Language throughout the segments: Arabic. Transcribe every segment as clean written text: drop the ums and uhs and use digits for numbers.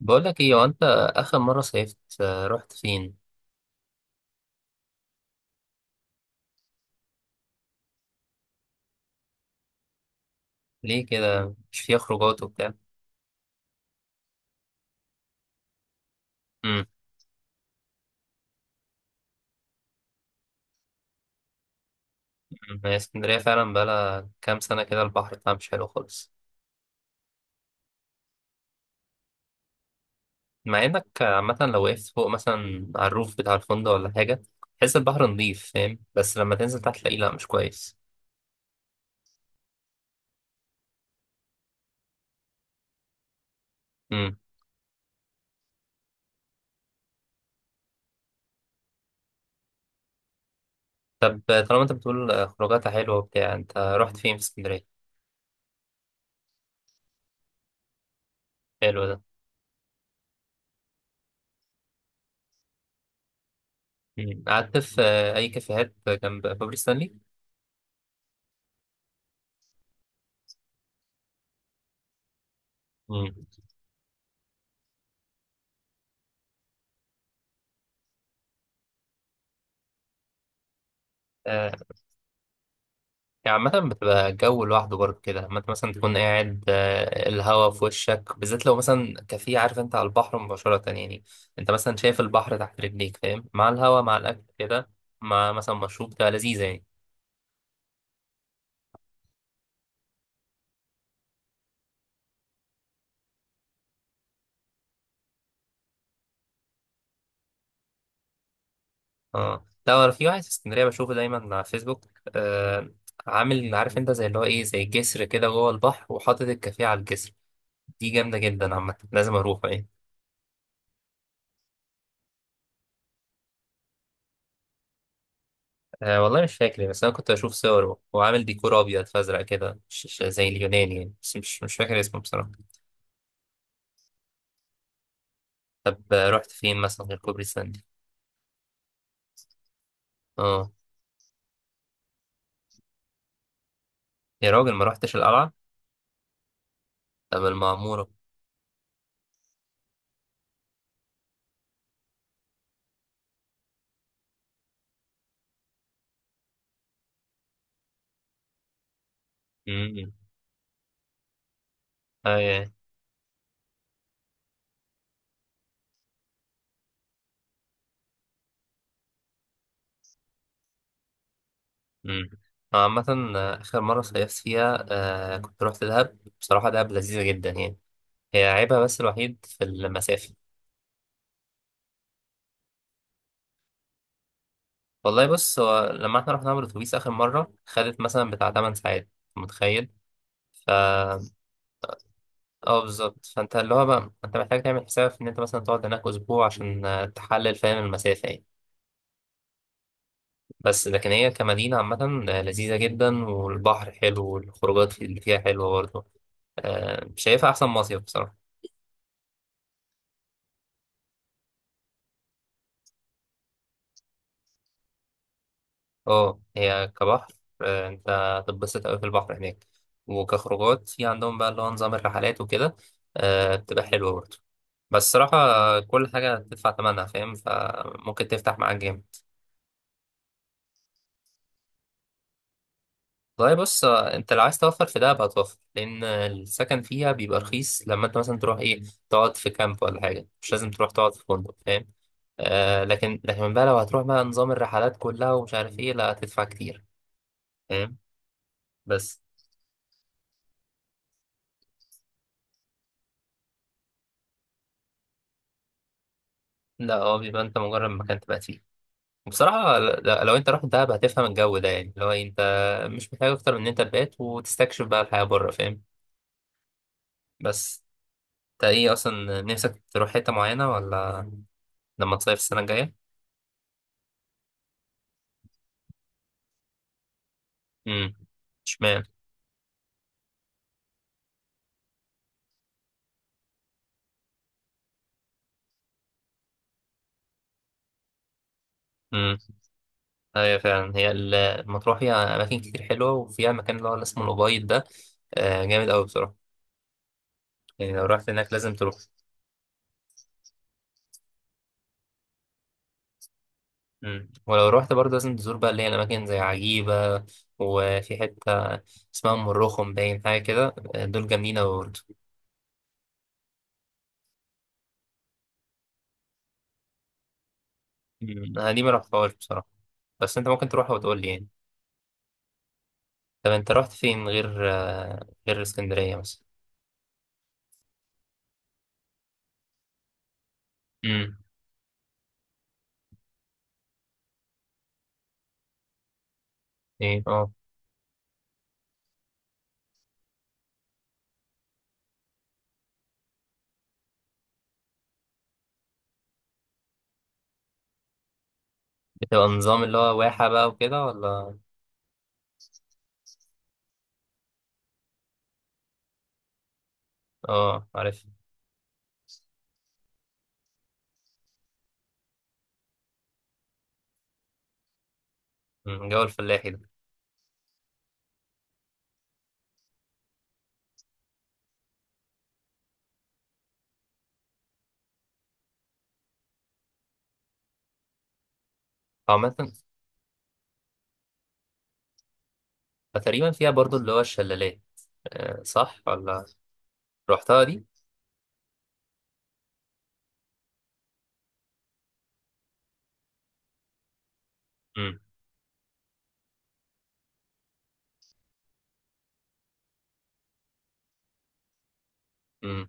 بقول لك ايه. هو انت اخر مره صيفت، رحت فين؟ ليه كده، مش فيها خروجات وبتاع؟ امم. هي اسكندريه فعلا بقالها كام سنه كده، البحر بتاعها مش حلو خالص. مع انك، عامه لو وقفت فوق مثلا على الروف بتاع الفندق ولا حاجه، تحس البحر نضيف، فاهم؟ بس لما تنزل تحت تلاقيه لا مش كويس. امم. طب طالما انت بتقول خروجاتها حلوه وبتاع، انت رحت فين في اسكندريه؟ حلو ده. قعدت في اي كافيهات جنب بابلي ستانلي؟ مم. آه، يعني عامة بتبقى جو لوحده برضه كده، لما انت مثلا تكون قاعد، الهوا في وشك، بالذات لو مثلا كافيه، عارف انت، على البحر مباشرة يعني. انت مثلا شايف البحر تحت رجليك، فاهم، مع الهوا مع الأكل كده، مع مثلا مشروب، تبقى لذيذة يعني. اه لا، أنا في واحد في اسكندرية بشوفه دايما على فيسبوك. آه. عامل، عارف انت، زي اللي هو ايه، زي جسر كده جوه البحر وحاطط الكافيه على الجسر. دي جامدة جدا، عامة لازم أروحه يعني. أه والله مش فاكر، بس انا كنت اشوف صوره، هو عامل ديكور ابيض فازرق كده، مش زي اليوناني يعني، بس مش فاكر اسمه بصراحه. طب رحت فين مثلا غير كوبري ستانلي؟ اه. يا راجل، ما رحتش القلعه؟ طب المعموره؟ امم. اي. امم. عامه، اخر مره صيفت فيها كنت رحت دهب، بصراحه دهب لذيذه جدا يعني. هي عيبها بس الوحيد في المسافه. والله بص، هو لما احنا رحنا بالاتوبيس اخر مره خدت مثلا بتاع 8 ساعات. متخيل؟ ف اه بالظبط، فانت اللي هو بقى انت محتاج تعمل حساب ان انت مثلا تقعد هناك اسبوع عشان تحلل، فاهم؟ المسافه يعني. بس لكن هي كمدينه عامه لذيذه جدا، والبحر حلو والخروجات اللي فيها حلوه برضه. شايفها احسن مصيف بصراحه. اه، هي كبحر، انت هتتبسط قوي في البحر هناك. وكخروجات في عندهم بقى اللي هو نظام الرحلات وكده، بتبقى حلوه برضه. بس الصراحه، كل حاجه تدفع ثمنها، فاهم؟ فممكن تفتح معاك جامد. والله بص، انت لو عايز توفر في دهب هتوفر، لان السكن فيها بيبقى رخيص لما انت مثلا تروح ايه، تقعد في كامب ولا حاجه، مش لازم تروح تقعد في فندق، فاهم؟ آه، لكن بقى لو هتروح بقى نظام الرحلات كلها ومش عارف ايه، لا هتدفع كتير. فاهم؟ بس. لا، هو بيبقى انت مجرد مكان تبقى فيه. بصراحة، لو انت رحت دهب هتفهم الجو ده يعني، لو انت مش محتاج اكتر من ان انت تبات وتستكشف بقى الحياة بره، فاهم؟ بس. انت ايه اصلا نفسك تروح حتة معينة، ولا لما تصيف السنة الجاية؟ امم. اشمعنى؟ امم. ايوه فعلا، هي المطروح فيها اماكن كتير حلوه، وفيها مكان اللي هو اللي اسمه الأبيض ده، جامد قوي بصراحه. يعني لو رحت هناك لازم تروح. امم. ولو رحت برضه لازم تزور بقى اللي هي الاماكن زي عجيبه، وفي حته اسمها ام الرخم، باين حاجه كده، دول جامدين قوي برضه. انا دي ما رحتهاش بصراحه. بس انت ممكن تروحها وتقول لي يعني. طب انت رحت فين غير اسكندريه مثلا؟ امم. ايه. اه. بتبقى نظام اللي هو واحه بقى وكده ولا؟ اه، عارف. جو الفلاحي ده. عامة، فتقريبا فيها برضو اللي هو الشلالات، آه، صح ولا؟ رحتها دي؟ امم. امم.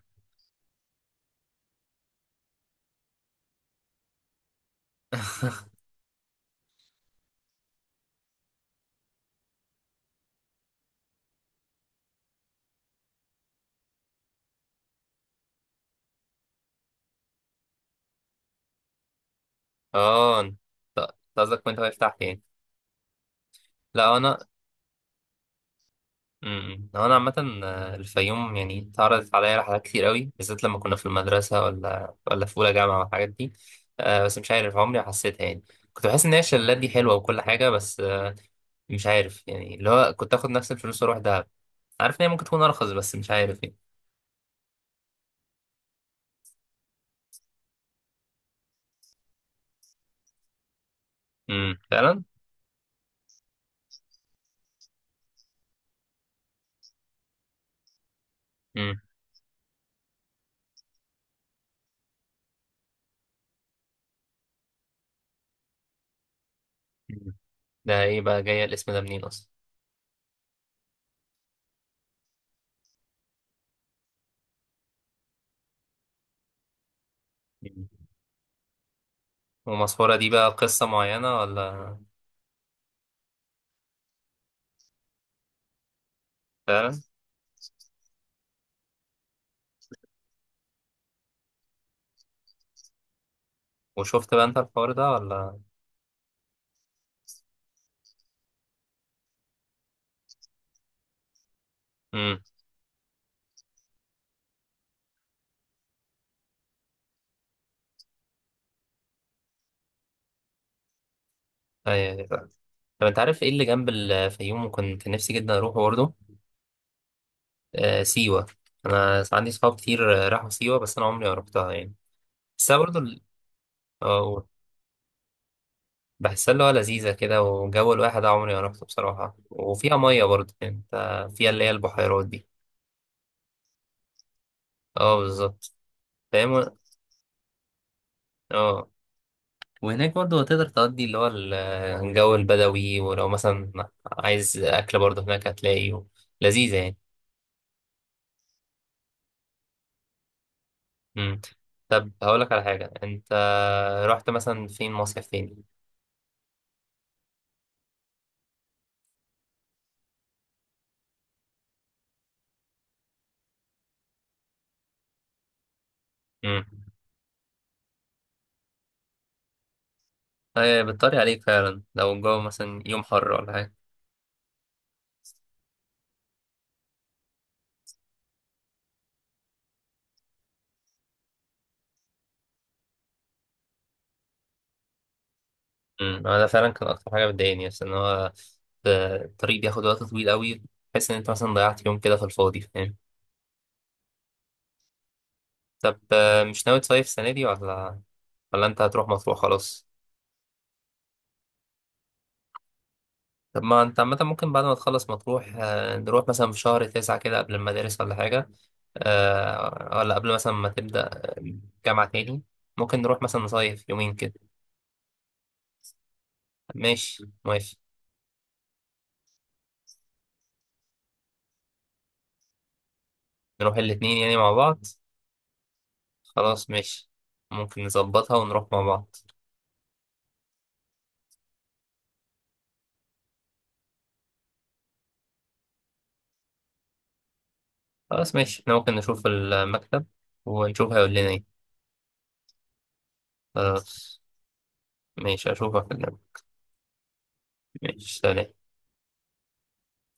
اه، أنت قصدك كنت واقف تحت يعني؟ لا، انا. هو انا عامه، الفيوم يعني اتعرضت عليا رحلات كتير قوي، بالذات لما كنا في المدرسه ولا في اولى جامعه والحاجات دي. آه، بس مش عارف عمري حسيتها يعني. كنت بحس ان هي الشلالات دي حلوه وكل حاجه، بس مش عارف يعني، اللي هو كنت اخد نفس الفلوس واروح دهب. عارف ان هي ممكن تكون ارخص، بس مش عارف يعني. امم، فعلا. امم. ده ايه بقى، جايه الاسم ده منين اصلا؟ ومسحورة دي بقى قصة معينة ولا؟ فعلا. وشفت بقى انت الحوار ده ولا؟ امم. ايوه، أيوة، فعلا. طب انت عارف ايه اللي جنب الفيوم، وكنت نفسي جدا اروحه برضه؟ آه، سيوة. انا عندي صحاب كتير راحوا سيوة، بس انا عمري ما رحتها يعني. بس برضه آه، بحسها اللي هو لذيذة كده، وجو الواحد عمري ما رحته بصراحة، وفيها مية برضه يعني انت، فيها اللي هي البحيرات دي. اه بالظبط. فاهم؟ اه. وهناك برضه تقدر تقضي اللي هو الجو البدوي، ولو مثلا عايز أكل برضه هناك هتلاقيه، لذيذة يعني. مم. طب هقولك على حاجة، أنت رحت مثلا فين مصيف تاني؟ مم. هي بتطري عليك فعلا لو الجو مثلا يوم حر ولا حاجة. مم. ده فعلا كان أكتر حاجة بتضايقني، بس إن هو الطريق بياخد وقت طويل أوي. تحس إن أنت مثلا ضيعت يوم كده في الفاضي، فاهم؟ طب مش ناوي تصيف السنة دي، ولا ولا أنت هتروح مطروح خلاص؟ طب ما انت عامة ممكن بعد ما تخلص مطروح، نروح مثلا في شهر تسعة كده قبل المدارس ولا حاجة، ولا قبل مثلا ما تبدأ جامعة تاني. ممكن نروح مثلا نصيف يومين كده. ماشي، ماشي. نروح الاتنين يعني مع بعض؟ خلاص ماشي. ممكن نظبطها ونروح مع بعض. خلاص ماشي، احنا ممكن نشوف المكتب ونشوف هيقول لنا ايه. خلاص. ماشي، اشوفك. ماشي، سلام.